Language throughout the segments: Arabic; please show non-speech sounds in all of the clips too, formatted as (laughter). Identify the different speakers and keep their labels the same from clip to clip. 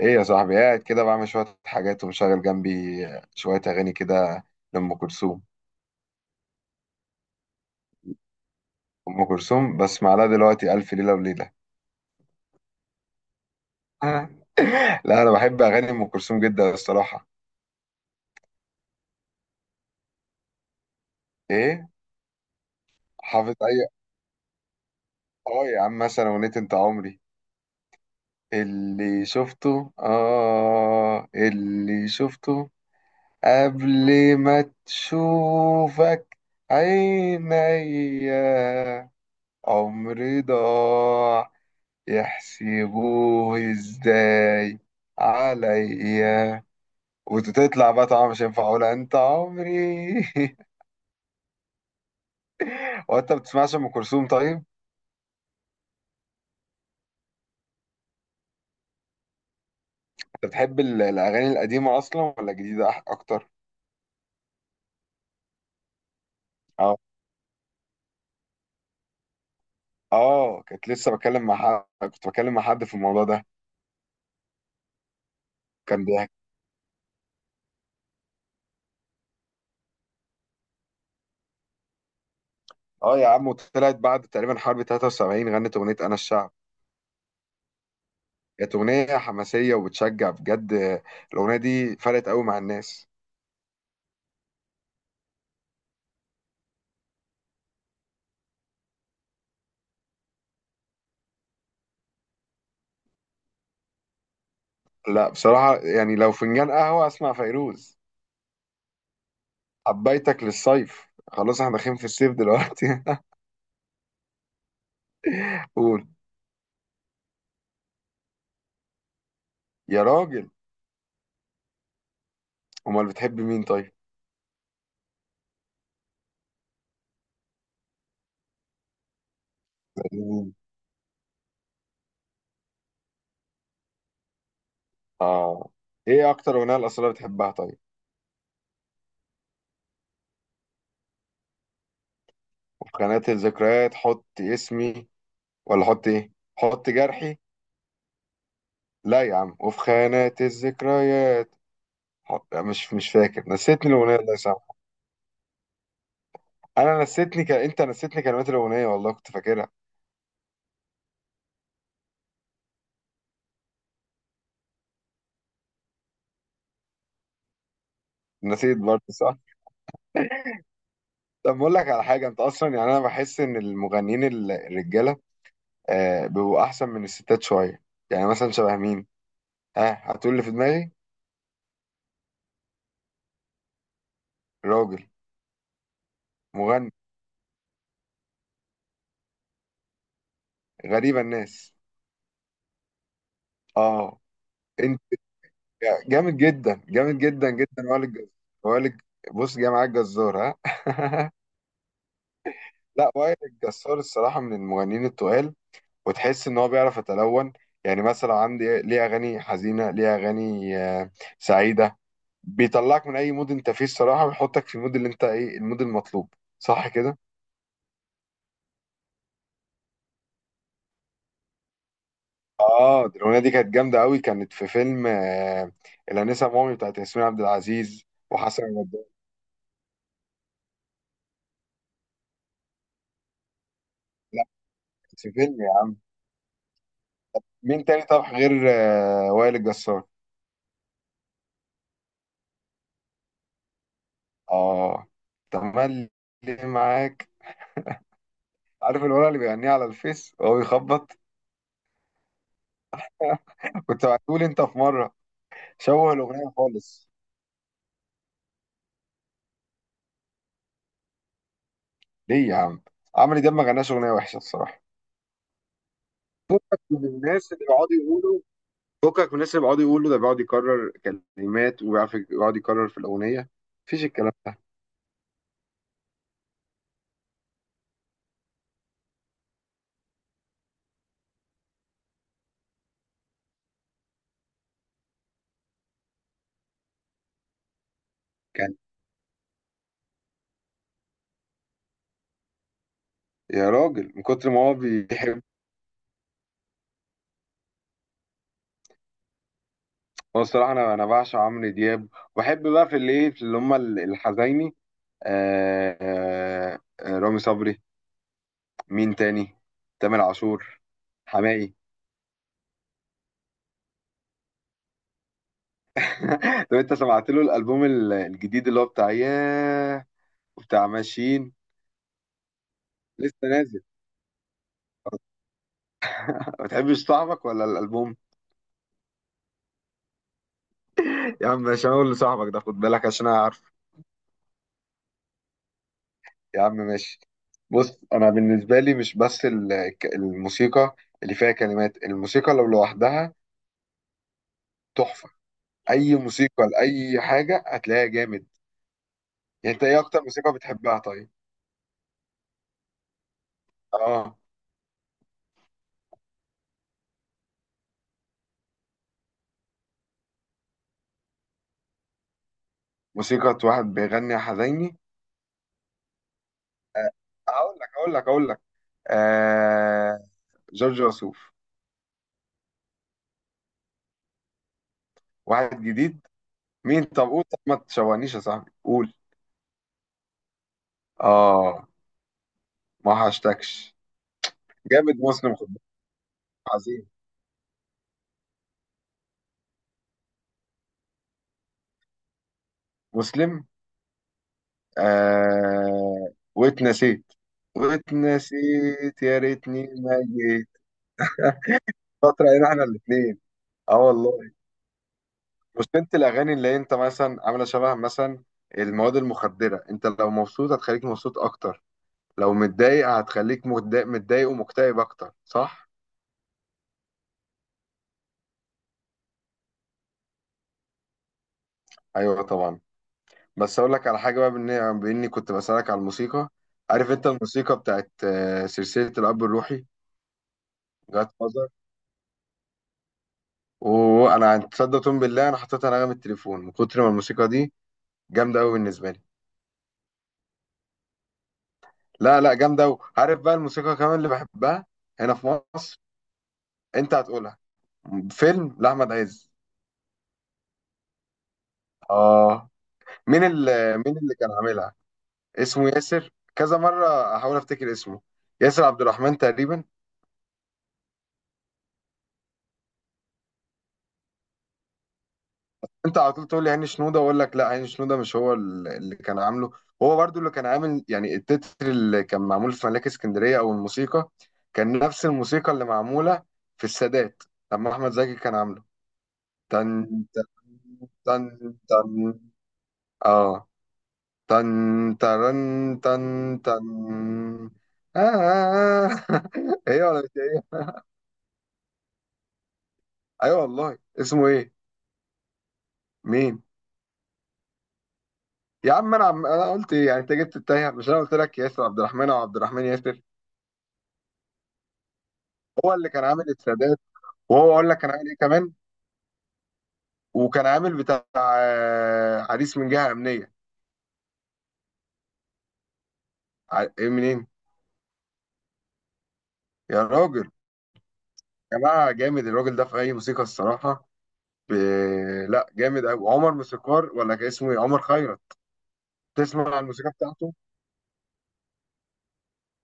Speaker 1: ايه يا صاحبي؟ قاعد كده بعمل شوية حاجات ومشغل جنبي شوية أغاني كده، لأم كلثوم. أم كلثوم بسمع لها دلوقتي ألف ليلة وليلة. آه. لا، أنا بحب أغاني أم كلثوم جدا الصراحة. ايه؟ حافظ أي؟ اه يا عم، مثلا أغنية أنت عمري. اللي شفته قبل ما تشوفك عينيا، عمري ضاع يحسبوه ازاي عليا. وتطلع بقى، طبعا مش هينفع اقولها انت عمري. (laughs) هو انت بتسمعش ام كلثوم طيب؟ انت بتحب الاغاني القديمه اصلا ولا الجديده اكتر؟ اه، اه. كنت بتكلم مع حد في الموضوع ده. كان بيحكي. اه يا عم، وطلعت بعد تقريبا حرب 73 غنت اغنيه انا الشعب. كانت اغنيه حماسيه وبتشجع بجد. الاغنيه دي فرقت قوي مع الناس. لا، بصراحه يعني لو فنجان قهوه اسمع فيروز. حبيتك للصيف. خلاص احنا داخلين في الصيف دلوقتي. (laughs) قول. يا راجل. امال بتحب مين طيب؟ مين؟ اه. ايه اكتر اغنيه الاصاله بتحبها طيب؟ وفي خانات الذكريات حط اسمي، ولا حط ايه؟ حط جرحي؟ لا يا عم، وفي خانات الذكريات حط. لا، مش فاكر، نسيتني الاغنيه الله يسامحك. انت نسيتني كلمات الاغنيه، والله كنت فاكرها. نسيت برضه، صح؟ طب بقول لك على حاجه. انت اصلا يعني انا بحس ان المغنيين الرجاله. آه، بيبقوا احسن من الستات شويه. يعني مثلا شبه مين؟ ها، هتقول اللي في دماغي؟ راجل. مغني. غريبه الناس. اه. انت جامد جدا، جامد جدا جدا. وائل الجزار. وائل الج- بص، جاي معاك جزار؟ ها. (laughs) لا، وائل الجزار الصراحه من المغنيين التقال. وتحس ان هو بيعرف يتلون. يعني مثلا عندي ليه اغاني حزينه، ليه اغاني سعيده. بيطلعك من اي مود انت فيه الصراحه، ويحطك في المود، اللي انت ايه المود المطلوب. صح كده. اه، دي الاغنيه دي كانت جامده قوي. كانت في فيلم الانسه مومي بتاعت ياسمين عبد العزيز. وحسن البدري. لا، كانت في فيلم يعني. مين تاني طب غير وائل الجسار؟ اه. تملي معاك. عارف الولد اللي بيغنيها على الفيس وهو بيخبط؟ (laughs) كنت بعتهولي انت في مره. شوه الاغنيه خالص. ليه يا عم؟ عمرو دياب ما غناش اغنيه وحشه الصراحه. فكك من الناس اللي بيقعدوا يقولوا فكك من الناس اللي بيقعدوا يقولوا ده بيقعد يكرر كلمات. وبيعرف يقعد يكرر في الاغنيه، مفيش الكلام. كان. يا راجل، من كتر ما هو بيحب. هو الصراحه انا بعشق عمرو دياب. وبحب بقى في الايه، في اللي هم الحزيني. رامي صبري. مين تاني؟ تامر عاشور. حماقي. (laughs) طب انت سمعت له الالبوم الجديد اللي هو بتاع ياه؟ وبتاع ماشيين؟ لسه نازل. (laughs) ما بتحبش صاحبك ولا الالبوم؟ (laughs) يا عم، مش هقول لصاحبك ده. خد بالك عشان انا عارف. يا عم ماشي. بص، انا بالنسبه لي مش بس الموسيقى اللي فيها كلمات. الموسيقى لو لوحدها تحفه. اي موسيقى لاي حاجه هتلاقيها جامد. يعني انت ايه اكتر موسيقى بتحبها طيب؟ اه. موسيقى. واحد بيغني حزيني. اقول لك، اقول لك، اقول لك. آه. جورج وسوف. واحد جديد؟ مين؟ طب قول، طب ما تشوهنيش يا صاحبي، قول. اه. ما هشتكش. جامد مسلم، خد بالك، عظيم. مسلم. آه. واتنسيت. واتنسيت، يا ريتني ما جيت. فترة علينا احنا الاثنين. اه والله. بس انت الاغاني اللي انت مثلا عاملة شبه مثلا المواد المخدرة. انت لو مبسوط هتخليك مبسوط اكتر. لو متضايق هتخليك متضايق، متضايق ومكتئب اكتر، صح؟ ايوه طبعا. بس اقول لك على حاجة بقى، بإني كنت بسألك على الموسيقى. عارف انت الموسيقى بتاعت سلسلة الاب الروحي؟ جاد. وانا تصدق، تقوم بالله انا حطيتها نغمة التليفون من كتر ما الموسيقى دي جامدة قوي بالنسبة لي. لا، لا، جامدة قوي. عارف بقى الموسيقى كمان اللي بحبها؟ هنا في مصر. انت هتقولها. فيلم لأحمد عز. اه. مين اللي كان عاملها؟ اسمه ياسر. كذا مرة احاول افتكر اسمه. ياسر عبد الرحمن تقريبا. انت على طول تقول لي عين شنودة، واقول لك لا، عين شنودة مش هو اللي كان عامله. هو برضو اللي كان عامل يعني التتر اللي كان معمول في ملاك اسكندرية، او الموسيقى. كان نفس الموسيقى اللي معمولة في السادات، لما احمد زكي كان عامله. تن، تن، تن، تن، اه، تن، ترن، تن، تن. آه. (laughs) ايه، ولا مش إيه؟ ايوه والله، اسمه ايه؟ مين؟ يا عم انا قلت ايه يعني، انت جبت التايه. مش انا قلت لك ياسر عبد الرحمن او عبد الرحمن ياسر؟ هو اللي كان عامل السادات. وهو اقول لك كان عامل ايه كمان. وكان عامل بتاع عريس من جهه امنيه. ايه منين؟ يا راجل. يا جماعه، جامد الراجل ده في اي موسيقى الصراحه. ب... لا، جامد قوي. عمر موسيقار، ولا كان اسمه ايه، عمر خيرت. تسمع عن الموسيقى بتاعته؟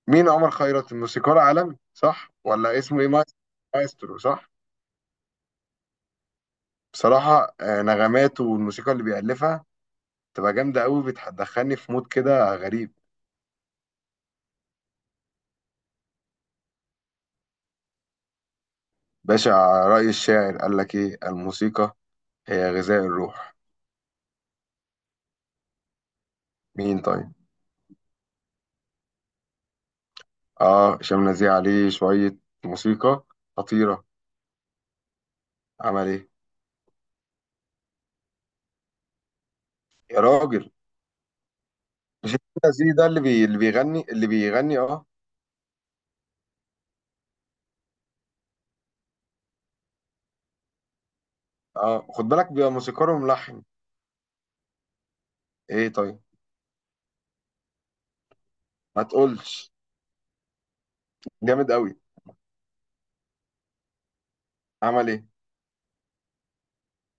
Speaker 1: مين عمر خيرت، الموسيقار عالمي، صح؟ ولا اسمه ايه، مايسترو صح؟ بصراحه، نغماته والموسيقى اللي بيألفها تبقى جامده قوي. بتدخلني في مود كده غريب. باشا. رأي الشاعر، قال لك ايه؟ الموسيقى هي غذاء الروح. مين طيب؟ اه، هشام نزيه عليه شوية. موسيقى خطيرة. عمل ايه؟ يا راجل. مش هشام نزيه ده اللي بيغني اه؟ اه، خد بالك، بيبقى موسيقار وملحن. ايه طيب؟ ما تقولش. جامد قوي. عمل ايه؟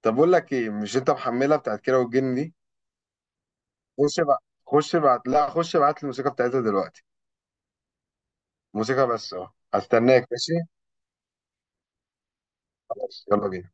Speaker 1: طب بقول لك ايه، مش انت محملها بتاعت كيرة والجن دي؟ خش بقى، خش بعت لا خش بعت الموسيقى بتاعتها دلوقتي. موسيقى بس. اه، هستناك. ماشي. خلاص، يلا بينا.